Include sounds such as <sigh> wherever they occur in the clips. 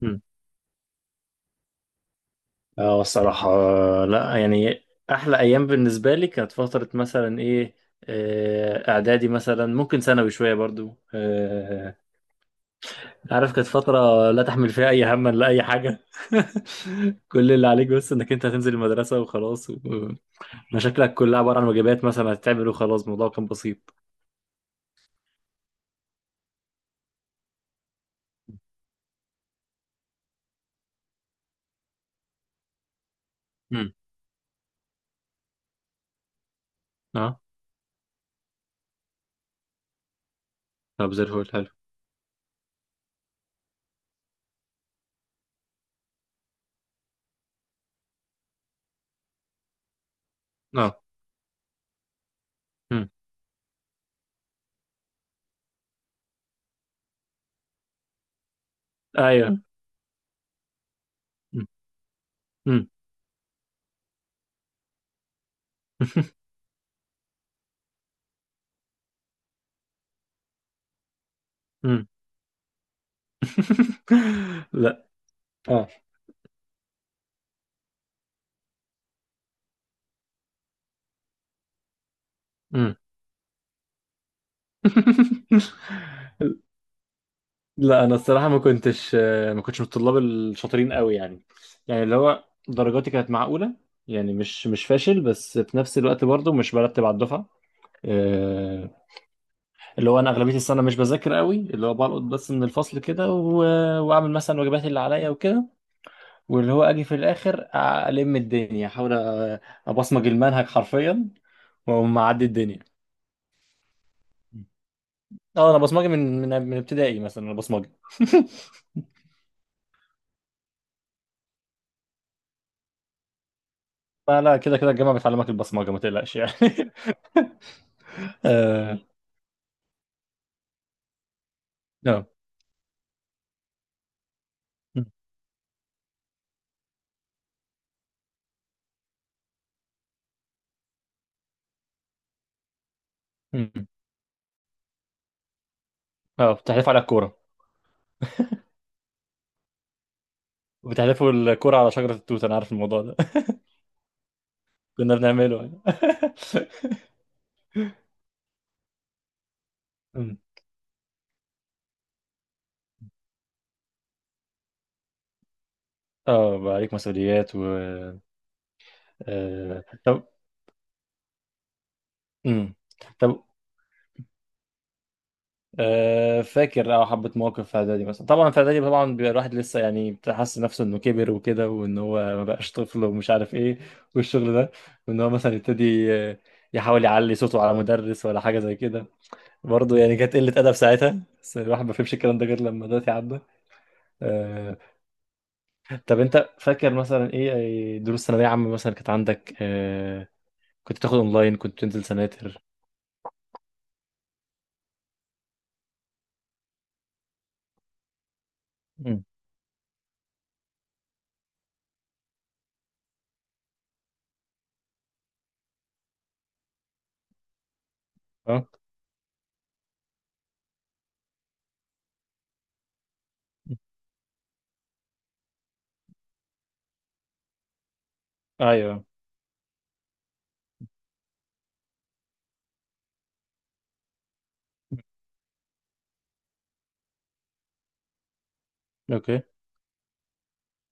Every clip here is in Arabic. مم. اه الصراحة، لا يعني أحلى أيام بالنسبة لي كانت فترة مثلا إيه، إعدادي مثلا، ممكن ثانوي شوية برضو. عارف كانت فترة لا تحمل فيها أي هم، لا أي حاجة. <laughs> كل اللي عليك بس إنك أنت هتنزل المدرسة وخلاص، مشاكلك كلها عبارة عن واجبات مثلا هتتعمل وخلاص، الموضوع كان بسيط. مم. أه. طب زي الفل، حلو. أه. مم. أيوه. مم. مم. <laughs> مم. <laughs> لا. أه. <laughs> لا انا الصراحه ما كنتش من الطلاب الشاطرين قوي يعني. يعني اللي هو درجاتي كانت معقوله، يعني مش فاشل، بس في نفس الوقت برضه مش برتب على الدفعه. آه، اللي هو انا اغلبيه السنه مش بذاكر قوي، اللي هو بلقط بس من الفصل كده واعمل مثلا واجباتي اللي عليا وكده. واللي هو اجي في الاخر، الم الدنيا، ابصمج المنهج حرفيا، واقوم معدي الدنيا. اه انا بصمجي من ابتدائي، مثلا انا بصمجي. <laughs> لا لا، كده كده الجامعة بتعلمك البصمجة، ما تقلقش يعني. <laughs> اه اه. مم. بتحلفوا على الكورة، وبتحلفوا الكورة على شجرة التوت، أنا عارف الموضوع ده. <laughs> كنا بنعمله يعني. <laughs> مم. اه بقى عليك مسؤوليات و... طب. مم. طب، فاكر اه حبة مواقف في إعدادي مثلا. طبعا في إعدادي طبعا بيبقى الواحد لسه يعني، بتحس نفسه إنه كبر وكده، وإن هو ما بقاش طفل ومش عارف إيه، والشغل ده. وإن هو مثلا يبتدي، يحاول يعلي صوته على مدرس ولا حاجة زي كده. برضه يعني كانت قلة أدب ساعتها، بس الواحد ما فهمش الكلام ده غير لما دلوقتي عدى. آه... طب أنت فاكر مثلا إيه أي دروس ثانوية عامة مثلا كانت عندك؟ كنت تاخد أونلاين، كنت تنزل سناتر؟ مم. أه. أيوه. أوكي.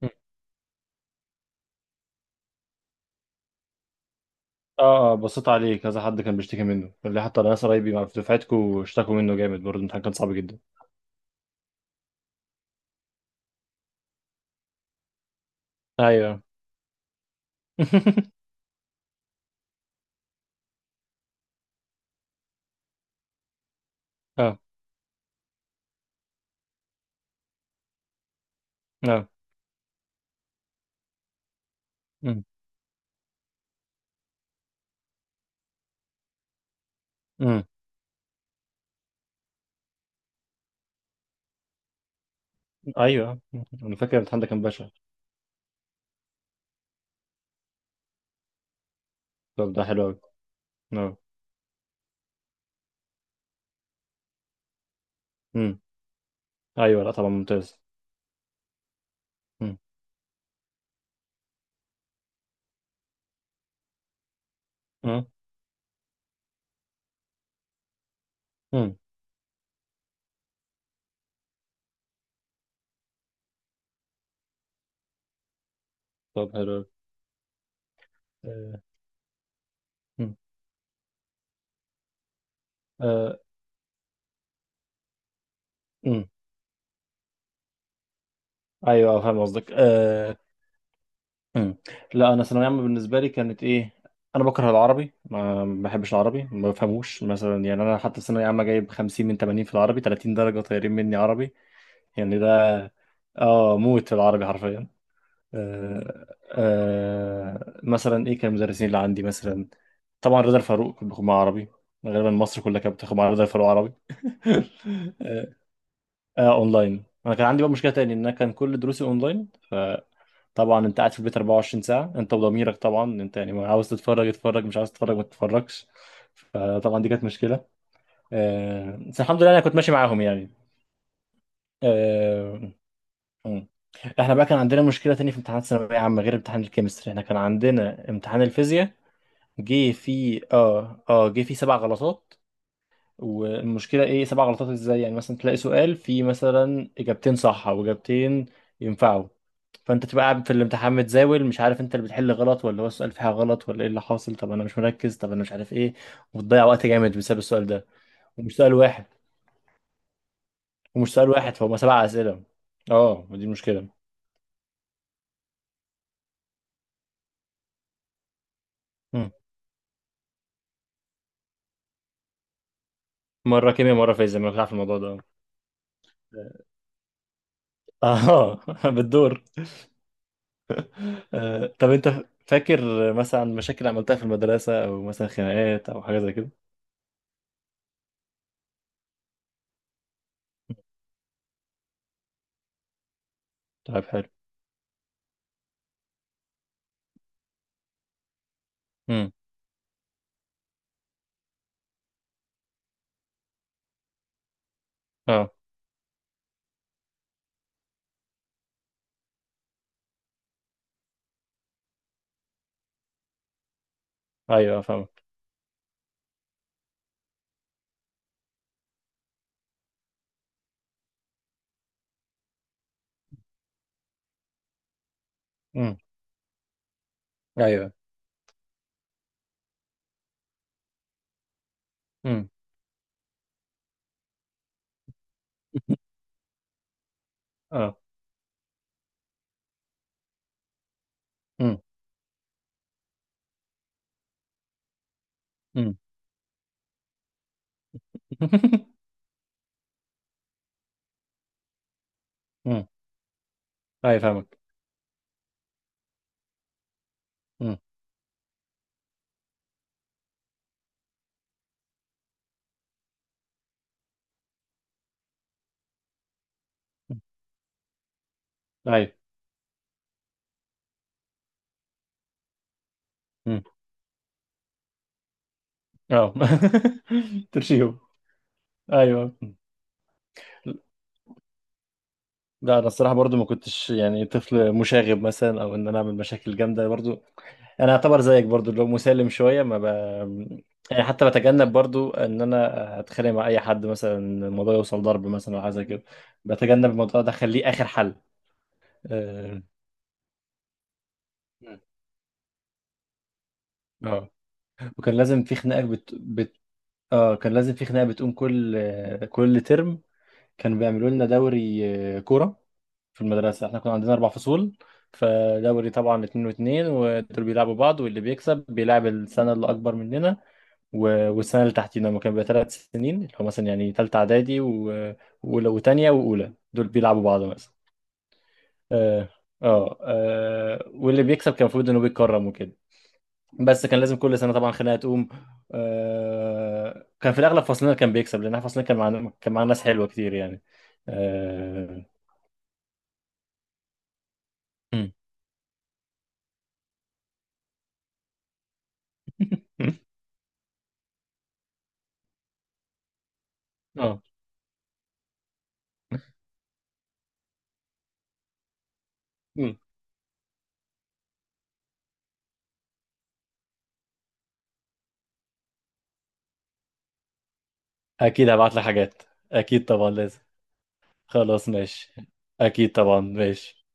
مم. اه اه، بصيت عليه كذا حد كان بيشتكي منه، قال لي حتى ناس قرايبي في دفعتكوا اشتكوا منه جامد برضه، الامتحان كان صعب جدا. ايوه. <laughs> اه اه. أمم، أمم، ايوه. انا فاكر الامتحان ده كان بشع. طب ده حلو قوي. اه. أمم، ايوه لا طبعا ممتاز. مم. امم. طب حلو أوي. آه، مم. آه، مم. ايوه فاهم قصدك. مم. لا انا ثانويه عامه بالنسبه لي كانت ايه، انا بكره العربي، ما بحبش العربي، ما بفهموش مثلا يعني. انا حتى في ثانويه عامه جايب 50 من 80 في العربي، 30 درجه طايرين مني عربي، يعني ده. اه موت في العربي حرفيا. آه، مثلا ايه كان المدرسين اللي عندي مثلا، طبعا رضا الفاروق كنت باخد معاه عربي، غالبا مصر كلها كانت بتاخد مع رضا الفاروق عربي. <laughs> آه، اونلاين. انا كان عندي بقى مشكله تاني، ان انا كان كل دروسي اونلاين، فطبعا انت قاعد في البيت 24 ساعه، انت وضميرك، طبعا انت يعني عاوز تتفرج اتفرج، مش عاوز تتفرج ما تتفرجش، فطبعا دي كانت مشكله. آه بس الحمد لله انا كنت ماشي معاهم يعني. آه. مم. احنا بقى كان عندنا مشكله تانية في امتحانات الثانويه عامه، غير امتحان الكيمستري احنا كان عندنا امتحان الفيزياء، جه فيه جه فيه سبع غلطات. والمشكله ايه، سبع غلطات ازاي؟ يعني مثلا تلاقي سؤال فيه مثلا اجابتين صح، او اجابتين ينفعوا. فانت تبقى قاعد في الامتحان متزاول، مش عارف انت اللي بتحل غلط، ولا هو السؤال فيه حاجه غلط، ولا ايه اللي حاصل، طب انا مش مركز، طب انا مش عارف ايه، وبتضيع وقت جامد بسبب السؤال ده. ومش سؤال واحد، ومش سؤال واحد فهم، سبع اسئله. اه ودي المشكله. مم. مره كيمياء مره فيزياء، ما بتعرف الموضوع ده. اه. <laughs> بالدور. طب انت فاكر مثلا مشاكل عملتها في المدرسه، او مثلا خناقات، او حاجه زي كده؟ طيب حلو. امم. اه. ايوه فاهمك. امم. ايوه. امم. <laughs> اه. امم. امم. <laughs> امم. ايوه فاهمك. امم. ايوه. امم. اه. <laughs> ترشيهم. ايوه لا انا الصراحه برضو ما كنتش يعني طفل مشاغب مثلا، او ان انا اعمل مشاكل جامده برضو. انا اعتبر زيك برضو اللي هو مسالم شويه، ما ب... يعني حتى بتجنب برضو ان انا اتخانق مع اي حد، مثلا الموضوع يوصل ضرب مثلا او حاجه زي كده، بتجنب الموضوع ده، اخليه اخر حل. اه. وكان لازم في خناقة اه كان لازم في خناقة بتقوم كل ترم. كانوا بيعملوا لنا دوري، كورة، في المدرسة. احنا كنا عندنا أربع فصول، فدوري طبعا اتنين واتنين، ودول بيلعبوا بعض، واللي بيكسب بيلعب السنة اللي أكبر مننا، والسنة اللي تحتينا، هما كانوا بيبقى تلات سنين، اللي هو مثلا يعني تالتة إعدادي وأولى وتانية، وأولى دول بيلعبوا بعض مثلا. اه اه. واللي بيكسب كان المفروض إنه بيتكرم وكده، بس كان لازم كل سنه طبعا خناقه تقوم. آه كان في الاغلب فصلنا كان بيكسب، لان احنا فصلنا كان معانا ناس حلوه كتير يعني. اه. مم. مم. آه. مم. اكيد هبعت لك حاجات، اكيد طبعا لازم. خلاص ماشي، اكيد طبعا ماشي.